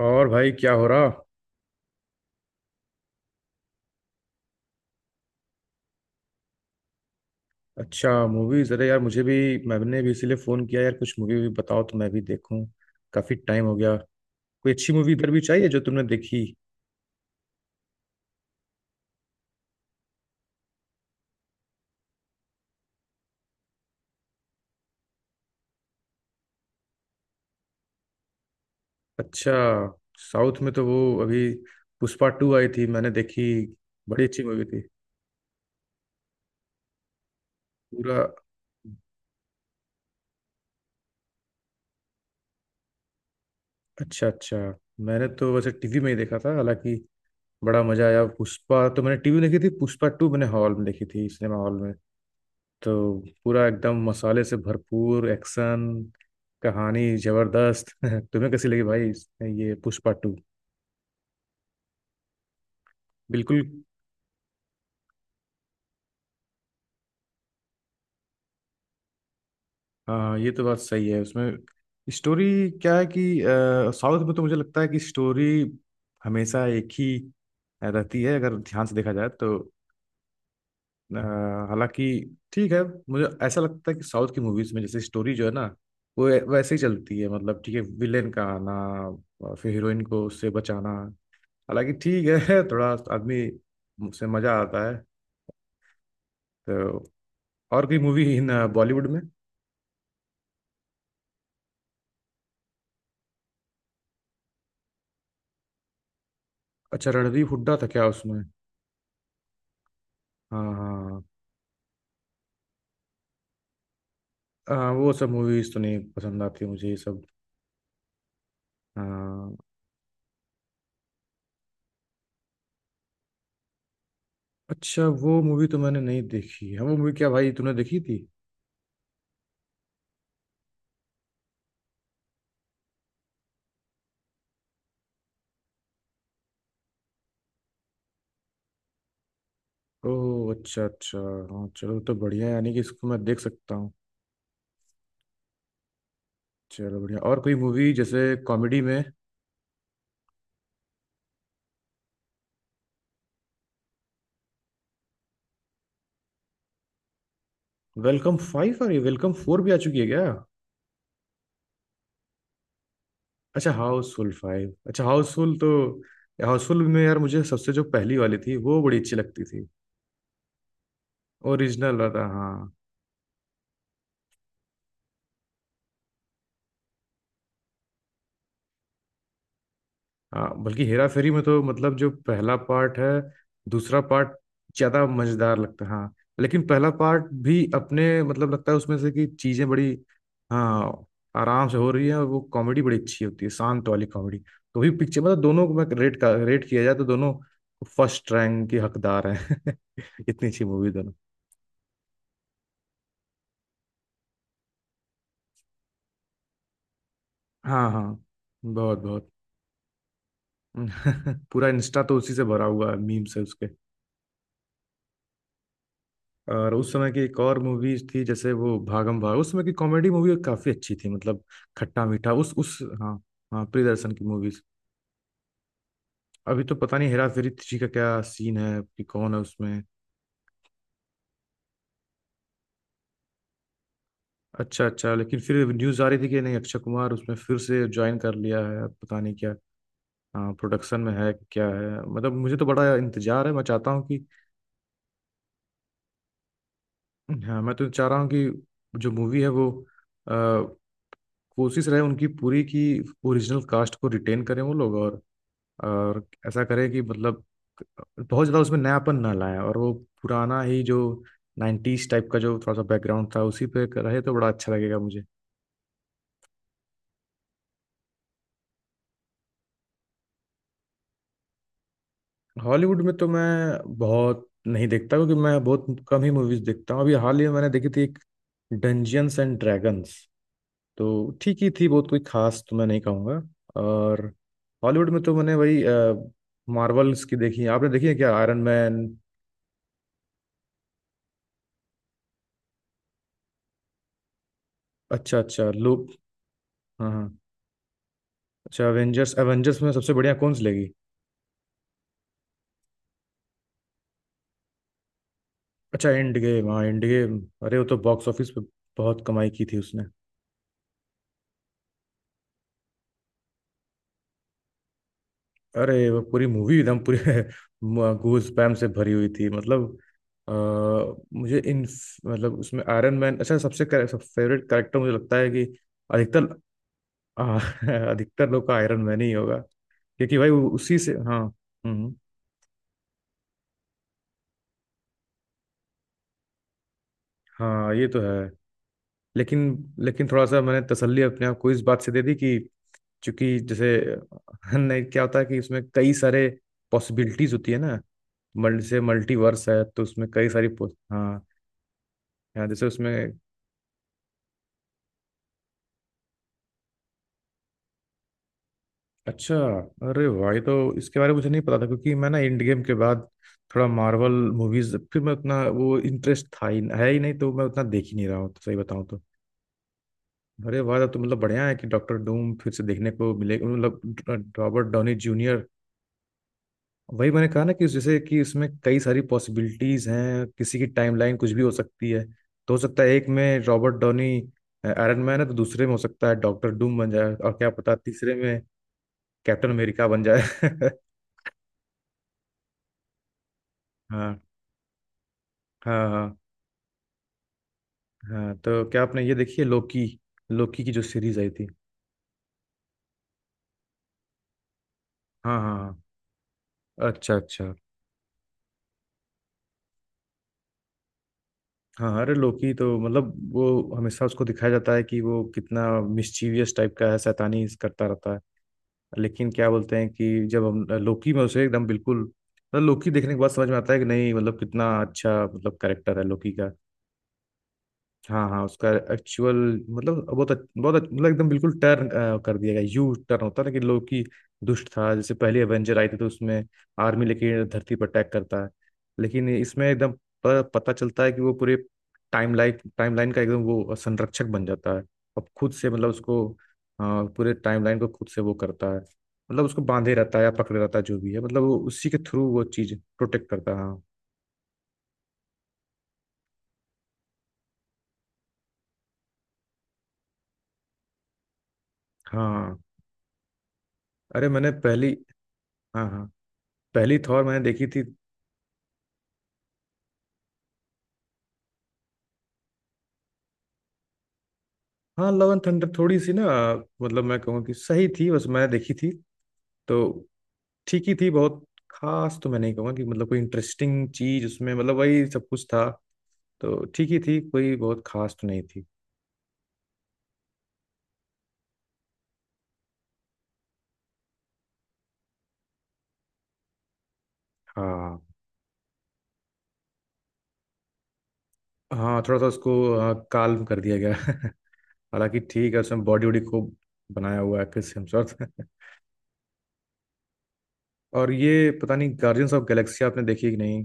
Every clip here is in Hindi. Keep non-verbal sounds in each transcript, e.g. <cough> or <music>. और भाई क्या हो रहा। अच्छा मूवीज। अरे यार मुझे भी, मैंने भी इसीलिए फोन किया यार। कुछ मूवी भी बताओ तो मैं भी देखूं। काफी टाइम हो गया। कोई अच्छी मूवी इधर भी चाहिए जो तुमने देखी। अच्छा, साउथ में तो वो अभी पुष्पा टू आई थी, मैंने देखी। बड़ी अच्छी मूवी थी। पूरा। अच्छा अच्छा, मैंने तो वैसे टीवी में ही देखा था हालांकि। बड़ा मजा आया। पुष्पा तो मैंने टीवी में देखी थी, पुष्पा टू मैंने हॉल में देखी थी, सिनेमा हॉल में। तो पूरा एकदम मसाले से भरपूर एक्शन, कहानी जबरदस्त। <laughs> तुम्हें कैसी लगी भाई ये पुष्पा टू? बिल्कुल। हाँ ये तो बात सही है उसमें। स्टोरी क्या है कि साउथ में तो मुझे लगता है कि स्टोरी हमेशा एक ही रहती है अगर ध्यान से देखा जाए तो। अ, हालांकि ठीक है, मुझे ऐसा लगता है कि साउथ की मूवीज में जैसे स्टोरी जो है ना, वो वैसे ही चलती है। मतलब ठीक है, विलेन का आना और फिर हीरोइन को उससे बचाना। हालांकि ठीक है, <laughs> थोड़ा आदमी से मजा आता है तो। और कोई मूवी इन बॉलीवुड में? अच्छा, रणदीप हुड्डा था क्या उसमें? हाँ हाँ। हाँ, हाँ, वो सब मूवीज तो नहीं पसंद आती मुझे, ये सब। हाँ। अच्छा, वो मूवी तो मैंने नहीं देखी है। वो मूवी क्या भाई, तूने देखी थी? ओह अच्छा अच्छा। हाँ चलो तो बढ़िया है, यानी कि इसको मैं देख सकता हूँ। चलो बढ़िया। और कोई मूवी जैसे कॉमेडी में? Welcome five? और ये वेलकम फोर भी आ चुकी है क्या? अच्छा हाउसफुल फाइव। अच्छा हाउसफुल तो, हाउसफुल में यार मुझे सबसे जो पहली वाली थी वो बड़ी अच्छी लगती थी। ओरिजिनल वाला था, हाँ। हाँ बल्कि हेरा फेरी में तो मतलब जो पहला पार्ट है, दूसरा पार्ट ज्यादा मजेदार लगता है, हाँ। लेकिन पहला पार्ट भी अपने मतलब लगता है उसमें से कि चीजें बड़ी, हाँ, आराम से हो रही है। और वो कॉमेडी बड़ी अच्छी होती है, शांत वाली कॉमेडी। तो भी पिक्चर मतलब दोनों को मैं रेट का रेट किया जाए तो दोनों फर्स्ट रैंक के हकदार हैं। <laughs> इतनी अच्छी मूवी। हाँ हाँ, बहुत बहुत। <laughs> पूरा इंस्टा तो उसी से भरा हुआ है, मीम से उसके। और उस समय की एक और मूवी थी, जैसे वो भागम भाग। उस समय की कॉमेडी मूवी काफी अच्छी थी, मतलब खट्टा मीठा। उस हाँ। हाँ प्रियदर्शन की मूवीज। अभी तो पता नहीं हेरा फेरी थ्री का क्या सीन है कि कौन है उसमें। अच्छा अच्छा, लेकिन फिर न्यूज आ रही थी कि नहीं अक्षय कुमार उसमें फिर से ज्वाइन कर लिया है। अब पता नहीं क्या। हाँ प्रोडक्शन में है कि क्या है। मतलब मुझे तो बड़ा इंतजार है, मैं चाहता हूँ कि, हाँ मैं तो चाह रहा हूँ कि जो मूवी है वो, अ, कोशिश रहे उनकी पूरी की ओरिजिनल कास्ट को रिटेन करें वो लोग। और ऐसा करें कि मतलब बहुत ज़्यादा उसमें नयापन ना लाएं, और वो पुराना ही जो नाइन्टीज टाइप का जो थोड़ा सा बैकग्राउंड था उसी पे रहे तो बड़ा अच्छा लगेगा मुझे। हॉलीवुड में तो मैं बहुत नहीं देखता, क्योंकि मैं बहुत कम ही मूवीज़ देखता हूँ। अभी हाल ही में मैंने देखी थी एक, डंजियंस एंड ड्रैगन्स। तो ठीक ही थी, बहुत कोई खास तो मैं नहीं कहूँगा। और हॉलीवुड में तो मैंने वही मार्वल्स की देखी है। आपने देखी है क्या आयरन मैन? अच्छा अच्छा लूप। हाँ हाँ। अच्छा एवेंजर्स, एवेंजर्स में सबसे बढ़िया कौन सी लगी? अच्छा एंड गेम, हाँ एंड गेम। अरे वो तो बॉक्स ऑफिस पे बहुत कमाई की थी उसने। अरे वो पूरी मूवी एकदम पूरी <laughs> गूज पैम से भरी हुई थी मतलब। अ, मुझे इन, मतलब उसमें आयरन मैन अच्छा सबसे कर, सब फेवरेट कैरेक्टर मुझे लगता है कि अधिकतर। हाँ, <laughs> अधिकतर लोग का आयरन मैन ही होगा क्योंकि भाई वो उसी से, हाँ। हम्म। हाँ ये तो है। लेकिन, लेकिन थोड़ा सा मैंने तसल्ली अपने आप को इस बात से दे दी कि चूंकि जैसे, <laughs> नहीं क्या होता है कि उसमें कई सारे पॉसिबिलिटीज होती है ना, जैसे मल्टीवर्स है तो उसमें कई सारी पो-, हाँ। यहाँ जैसे उसमें, अच्छा। अरे भाई तो इसके बारे में मुझे नहीं पता था, क्योंकि मैं ना एंड गेम के बाद थोड़ा मार्वल मूवीज फिर मैं उतना वो इंटरेस्ट था ही है ही नहीं, तो मैं उतना देख ही नहीं रहा हूँ तो, सही बताऊँ तो। अरे वाह तब तो मतलब बढ़िया है कि डॉक्टर डूम फिर से देखने को मिले। मतलब रॉबर्ट डॉनी जूनियर। वही मैंने कहा ना कि जैसे कि इसमें कई सारी पॉसिबिलिटीज हैं, किसी की टाइमलाइन कुछ भी हो सकती है। तो हो सकता है एक में रॉबर्ट डॉनी आयरन मैन है तो दूसरे में हो सकता है डॉक्टर डूम बन जाए, और क्या पता तीसरे में कैप्टन अमेरिका बन जाए। <laughs> हाँ हाँ। हाँ हाँ, तो क्या आपने ये देखी है लोकी, लोकी की जो सीरीज आई थी? हाँ हाँ हाँ, अच्छा अच्छा। हाँ अरे लोकी तो मतलब वो हमेशा उसको दिखाया जाता है कि वो कितना मिस्चीवियस टाइप का है, शैतानी करता रहता है। लेकिन क्या बोलते हैं कि जब हम लोकी में उसे एकदम बिल्कुल मतलब लोकी देखने के बाद समझ में आता है कि नहीं मतलब कितना अच्छा मतलब कैरेक्टर है लोकी का। हाँ हाँ उसका एक्चुअल। मतलब मतलब एकदम बिल्कुल टर्न कर दिया गया, यू टर्न होता है। लेकिन लोकी दुष्ट था जैसे पहले एवेंजर आई थी तो उसमें आर्मी लेके धरती पर अटैक करता है, लेकिन इसमें एकदम पता चलता है कि वो पूरे टाइम लाइन का एकदम वो संरक्षक बन जाता है। अब खुद से मतलब उसको, अ, पूरे टाइम लाइन को खुद से वो करता है मतलब उसको बांधे रहता है या पकड़े रहता है जो भी है मतलब वो उसी के थ्रू वो चीज प्रोटेक्ट करता है, हाँ। हाँ अरे मैंने पहली, हाँ हाँ, पहली थॉर मैंने देखी थी। हाँ लव एंड थंडर थोड़ी सी ना, मतलब मैं कहूँगा कि सही थी बस, मैं देखी थी तो ठीक ही थी। बहुत खास तो मैं नहीं कहूँगा कि मतलब कोई इंटरेस्टिंग चीज उसमें, मतलब वही सब कुछ था तो ठीक ही थी, कोई बहुत खास तो नहीं थी। हाँ हाँ, थोड़ा सा उसको, हाँ, काल्म कर दिया गया। <laughs> हालांकि ठीक है, उसमें बॉडी वॉडी खूब बनाया हुआ है क्रिस हेम्सवर्थ। <laughs> और ये पता नहीं गार्जियंस ऑफ गैलेक्सी आपने देखी कि नहीं।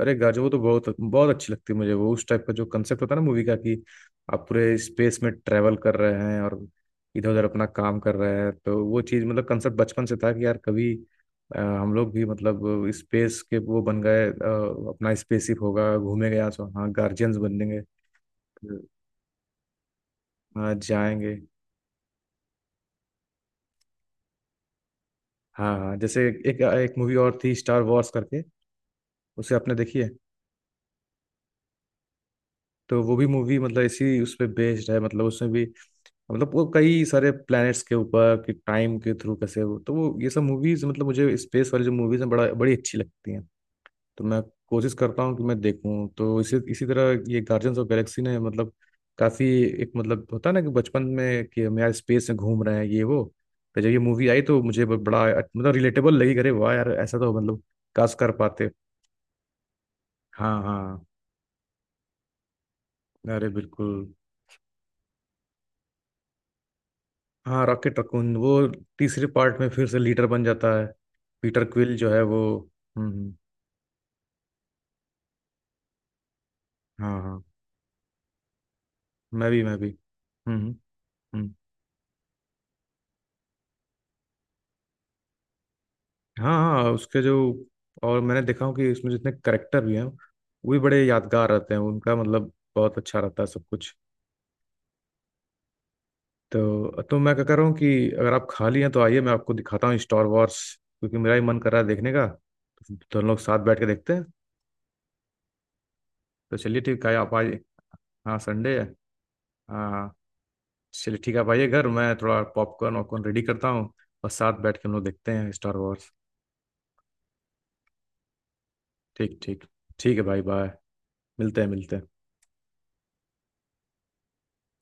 अरे गाजर वो तो बहुत बहुत अच्छी लगती है मुझे। वो उस टाइप का जो कंसेप्ट होता है ना मूवी का कि आप पूरे स्पेस में ट्रेवल कर रहे हैं और इधर उधर अपना काम कर रहे हैं, तो वो चीज़ मतलब कंसेप्ट बचपन से था कि यार कभी, हम लोग भी मतलब स्पेस के वो बन गए, अपना स्पेसशिप होगा, घूमेंगे यहाँ से, हाँ, गार्जियंस बनेंगे। हम्म, हाँ जाएंगे। हाँ हाँ, जैसे एक एक मूवी और थी स्टार वॉर्स करके, उसे आपने देखी है? तो वो भी मूवी मतलब इसी उस पे बेस्ड है, मतलब उसमें भी मतलब वो कई सारे प्लैनेट्स के ऊपर कि टाइम के थ्रू कैसे वो, तो वो ये सब मूवीज मतलब मुझे स्पेस वाली जो मूवीज हैं बड़ा, बड़ी अच्छी लगती हैं। तो मैं कोशिश करता हूँ कि मैं देखूँ, तो इसी इसी तरह ये गार्जियंस ऑफ गैलेक्सी ने मतलब काफी एक मतलब, होता है ना कि बचपन में कि हम यार स्पेस में घूम रहे हैं ये वो। तो जब ये मूवी आई तो मुझे बड़ा मतलब रिलेटेबल लगी, अरे वाह यार ऐसा तो मतलब काश कर पाते। हाँ हाँ, अरे बिल्कुल। हाँ रॉकेट रकून, वो तीसरे पार्ट में फिर से लीडर बन जाता है, पीटर क्विल जो है वो। हम्म हम्म, हाँ हाँ, मैं भी। हम्म हम्म हम्म। हाँ हाँ उसके जो, और मैंने देखा हूँ कि इसमें जितने करेक्टर भी हैं वो भी बड़े यादगार रहते हैं उनका, मतलब बहुत अच्छा रहता है सब कुछ। तो मैं क्या कर रहा हूँ कि अगर आप खाली हैं तो आइए मैं आपको दिखाता हूँ स्टार वॉर्स, क्योंकि मेरा ही मन कर रहा है देखने का, तो हम लोग साथ बैठ के देखते हैं। तो चलिए ठीक है आप आइए। हाँ संडे है। हाँ हाँ। चलिए ठीक है आप आइए घर, मैं थोड़ा पॉपकॉर्न वॉपकॉर्न रेडी करता हूँ, और साथ बैठ के हम लोग देखते हैं स्टार वॉर्स। ठीक ठीक, ठीक है भाई बाय। मिलते हैं मिलते हैं।